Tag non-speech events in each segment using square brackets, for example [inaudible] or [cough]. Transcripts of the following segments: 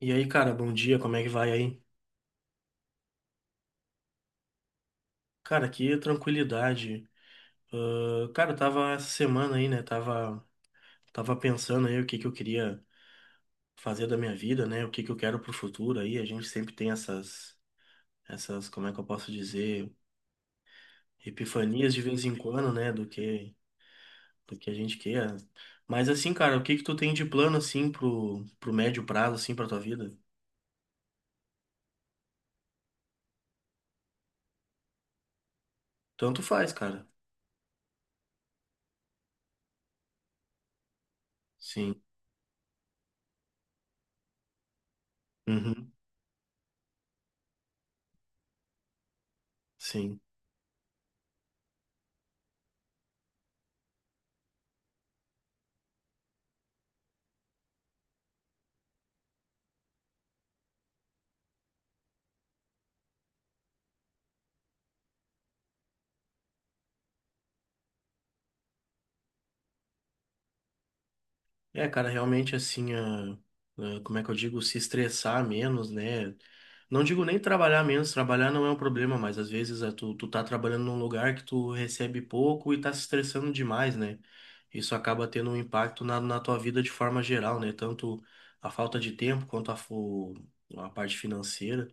E aí, cara, bom dia, como é que vai aí? Cara, que tranquilidade. Ah, cara, eu tava essa semana aí, né? Tava pensando aí o que que eu queria fazer da minha vida, né? O que que eu quero pro futuro aí. A gente sempre tem essas, como é que eu posso dizer, epifanias de vez em quando, né? Do que a gente quer. Mas assim, cara, o que que tu tem de plano assim pro médio prazo, assim, pra tua vida? Tanto faz, cara. Sim. Uhum. Sim. É, cara, realmente assim, como é que eu digo, se estressar menos, né? Não digo nem trabalhar menos, trabalhar não é um problema, mas às vezes tu tá trabalhando num lugar que tu recebe pouco e tá se estressando demais, né? Isso acaba tendo um impacto na tua vida de forma geral, né? Tanto a falta de tempo quanto a parte financeira.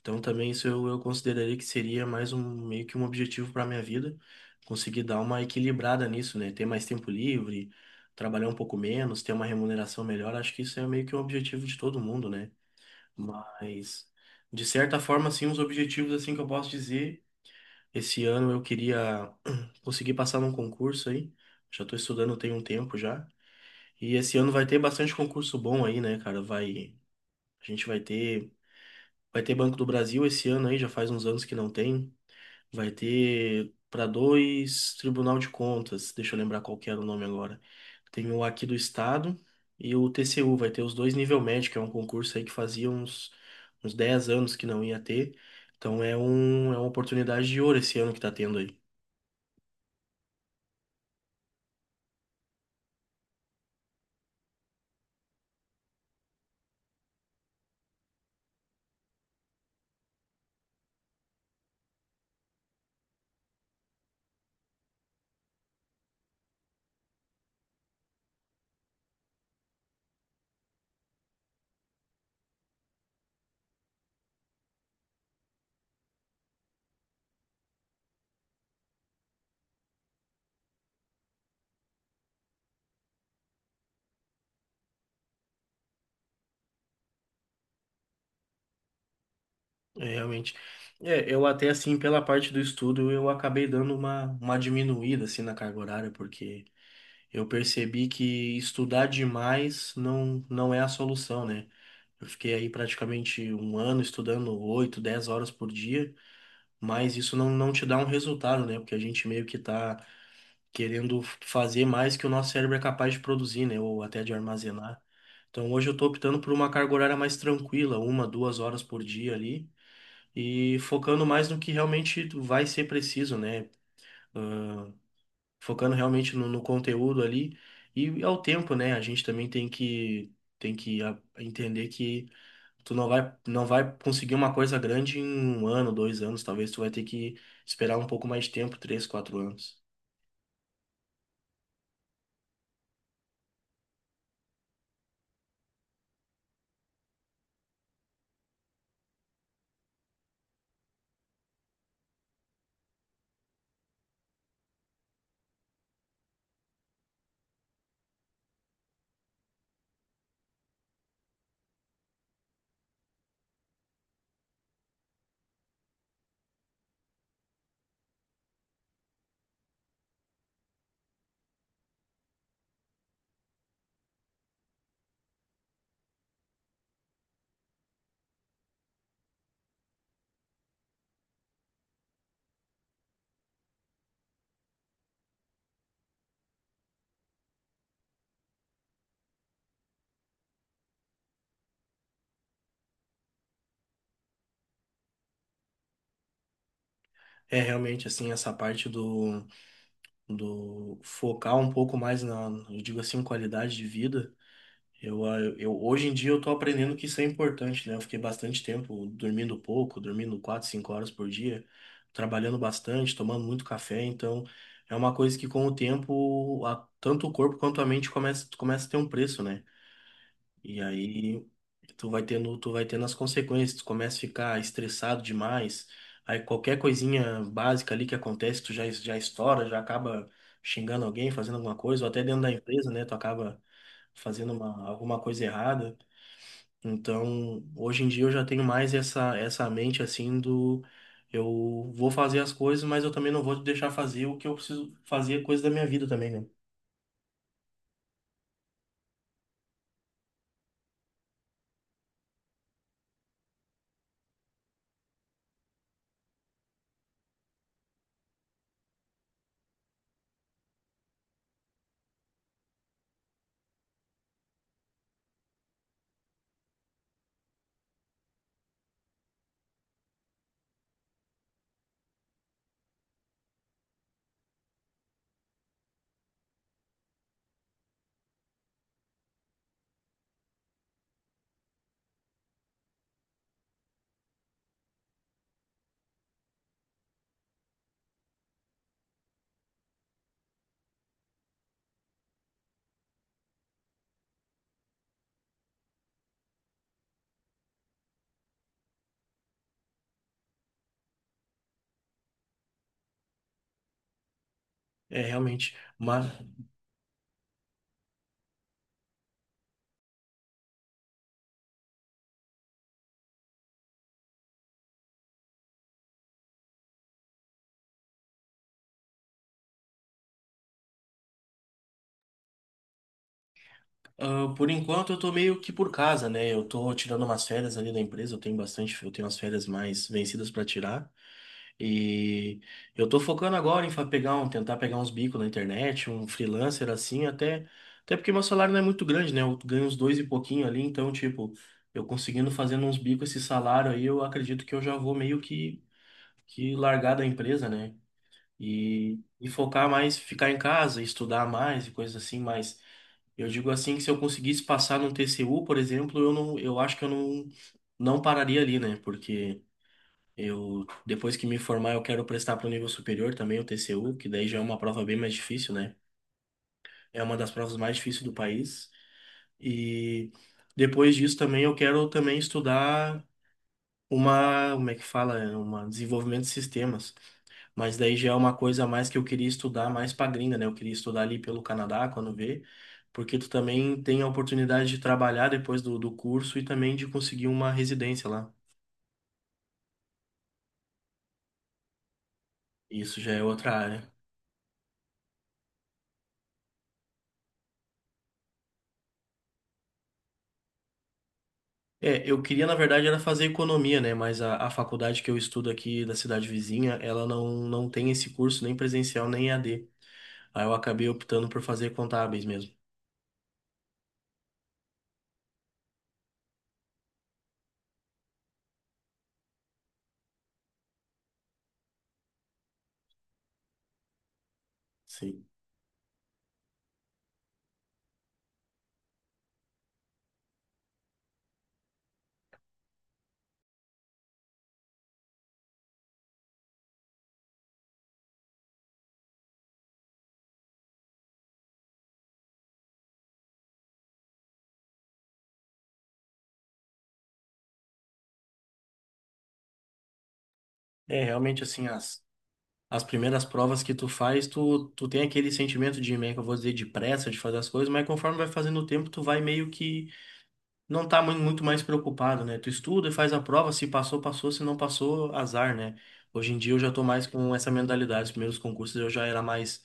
Então também isso eu consideraria que seria mais um meio que um objetivo para minha vida, conseguir dar uma equilibrada nisso, né? Ter mais tempo livre, trabalhar um pouco menos, ter uma remuneração melhor, acho que isso é meio que um objetivo de todo mundo, né? Mas de certa forma, assim, os objetivos assim que eu posso dizer, esse ano eu queria [clears throat] conseguir passar num concurso aí. Já estou estudando tem um tempo já. E esse ano vai ter bastante concurso bom aí, né, cara? Vai, a gente vai ter Banco do Brasil esse ano aí, já faz uns anos que não tem. Vai ter para dois Tribunal de Contas, deixa eu lembrar qual que era o nome agora. Tem o aqui do Estado e o TCU, vai ter os dois nível médio, que é um concurso aí que fazia uns 10 anos que não ia ter. Então é uma oportunidade de ouro esse ano que tá tendo aí. É, realmente. É, eu até assim, pela parte do estudo, eu acabei dando uma diminuída assim na carga horária, porque eu percebi que estudar demais não é a solução, né? Eu fiquei aí praticamente um ano estudando 8 10 horas por dia, mas isso não te dá um resultado, né? Porque a gente meio que tá querendo fazer mais que o nosso cérebro é capaz de produzir, né? Ou até de armazenar. Então hoje eu tô optando por uma carga horária mais tranquila, 1, 2 horas por dia ali, e focando mais no que realmente vai ser preciso, né? Focando realmente no conteúdo ali e ao tempo, né? A gente também tem que entender que tu não vai conseguir uma coisa grande em um ano, 2 anos, talvez tu vai ter que esperar um pouco mais de tempo, 3, 4 anos. É realmente assim, essa parte do focar um pouco mais na, eu digo assim, qualidade de vida. Hoje em dia eu tô aprendendo que isso é importante, né? Eu fiquei bastante tempo dormindo pouco, dormindo 4, 5 horas por dia, trabalhando bastante, tomando muito café, então é uma coisa que com o tempo, tanto o corpo quanto a mente começa a ter um preço, né? E aí tu vai tendo as consequências, tu começa a ficar estressado demais, aí qualquer coisinha básica ali que acontece, tu já estoura, já acaba xingando alguém, fazendo alguma coisa, ou até dentro da empresa, né, tu acaba fazendo alguma coisa errada. Então, hoje em dia eu já tenho mais essa mente assim do eu vou fazer as coisas, mas eu também não vou te deixar fazer o que eu preciso fazer, coisa da minha vida também, né? É, realmente. Ah, por enquanto eu tô meio que por casa, né? Eu tô tirando umas férias ali da empresa, eu tenho bastante, eu tenho umas férias mais vencidas pra tirar. E eu tô focando agora em tentar pegar uns bicos na internet, um freelancer assim, até porque meu salário não é muito grande, né? Eu ganho uns dois e pouquinho ali, então, tipo, eu conseguindo fazendo uns bicos esse salário aí, eu acredito que eu já vou meio que largar da empresa, né? E focar mais, ficar em casa, estudar mais e coisas assim, mas eu digo assim que se eu conseguisse passar num TCU, por exemplo, eu não, eu acho que eu não pararia ali, né? Porque eu, depois que me formar, eu quero prestar para o nível superior também, o TCU, que daí já é uma prova bem mais difícil, né? É uma das provas mais difíceis do país. E depois disso também eu quero também estudar uma, como é que fala? É, uma desenvolvimento de sistemas. Mas daí já é uma coisa a mais que eu queria estudar mais pra gringa, né? Eu queria estudar ali pelo Canadá, quando vê, porque tu também tem a oportunidade de trabalhar depois do curso e também de conseguir uma residência lá. Isso já é outra área. É, eu queria, na verdade, era fazer economia, né? Mas a faculdade que eu estudo aqui da cidade vizinha, ela não tem esse curso nem presencial nem EAD. Aí eu acabei optando por fazer contábeis mesmo. Sim. É, realmente assim, as primeiras provas que tu faz, tu tem aquele sentimento de, meio que eu vou dizer, de pressa de fazer as coisas, mas conforme vai fazendo o tempo, tu vai meio que não tá muito mais preocupado, né? Tu estuda e faz a prova, se passou, passou, se não passou, azar, né? Hoje em dia eu já tô mais com essa mentalidade. Os primeiros concursos eu já era mais,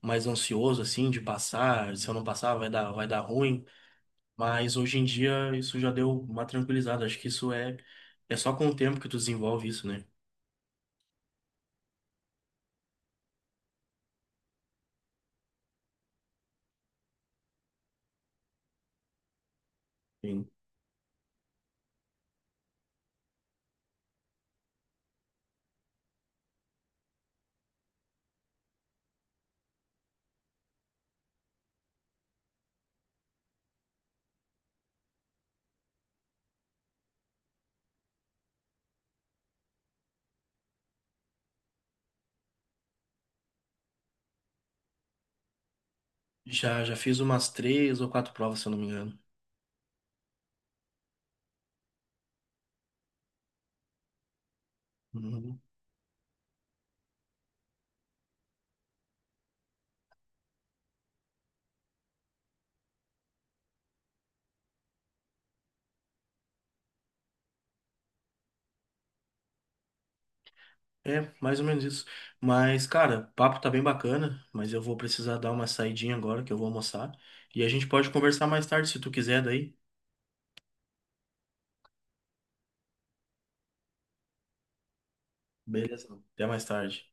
mais ansioso, assim, de passar. Se eu não passar, vai dar ruim. Mas hoje em dia isso já deu uma tranquilizada. Acho que isso é só com o tempo que tu desenvolve isso, né? Já fiz umas 3 ou 4 provas, se eu não me engano. Uhum. É, mais ou menos isso. Mas, cara, o papo tá bem bacana, mas eu vou precisar dar uma saidinha agora, que eu vou almoçar. E a gente pode conversar mais tarde, se tu quiser daí. Beleza. Até mais tarde.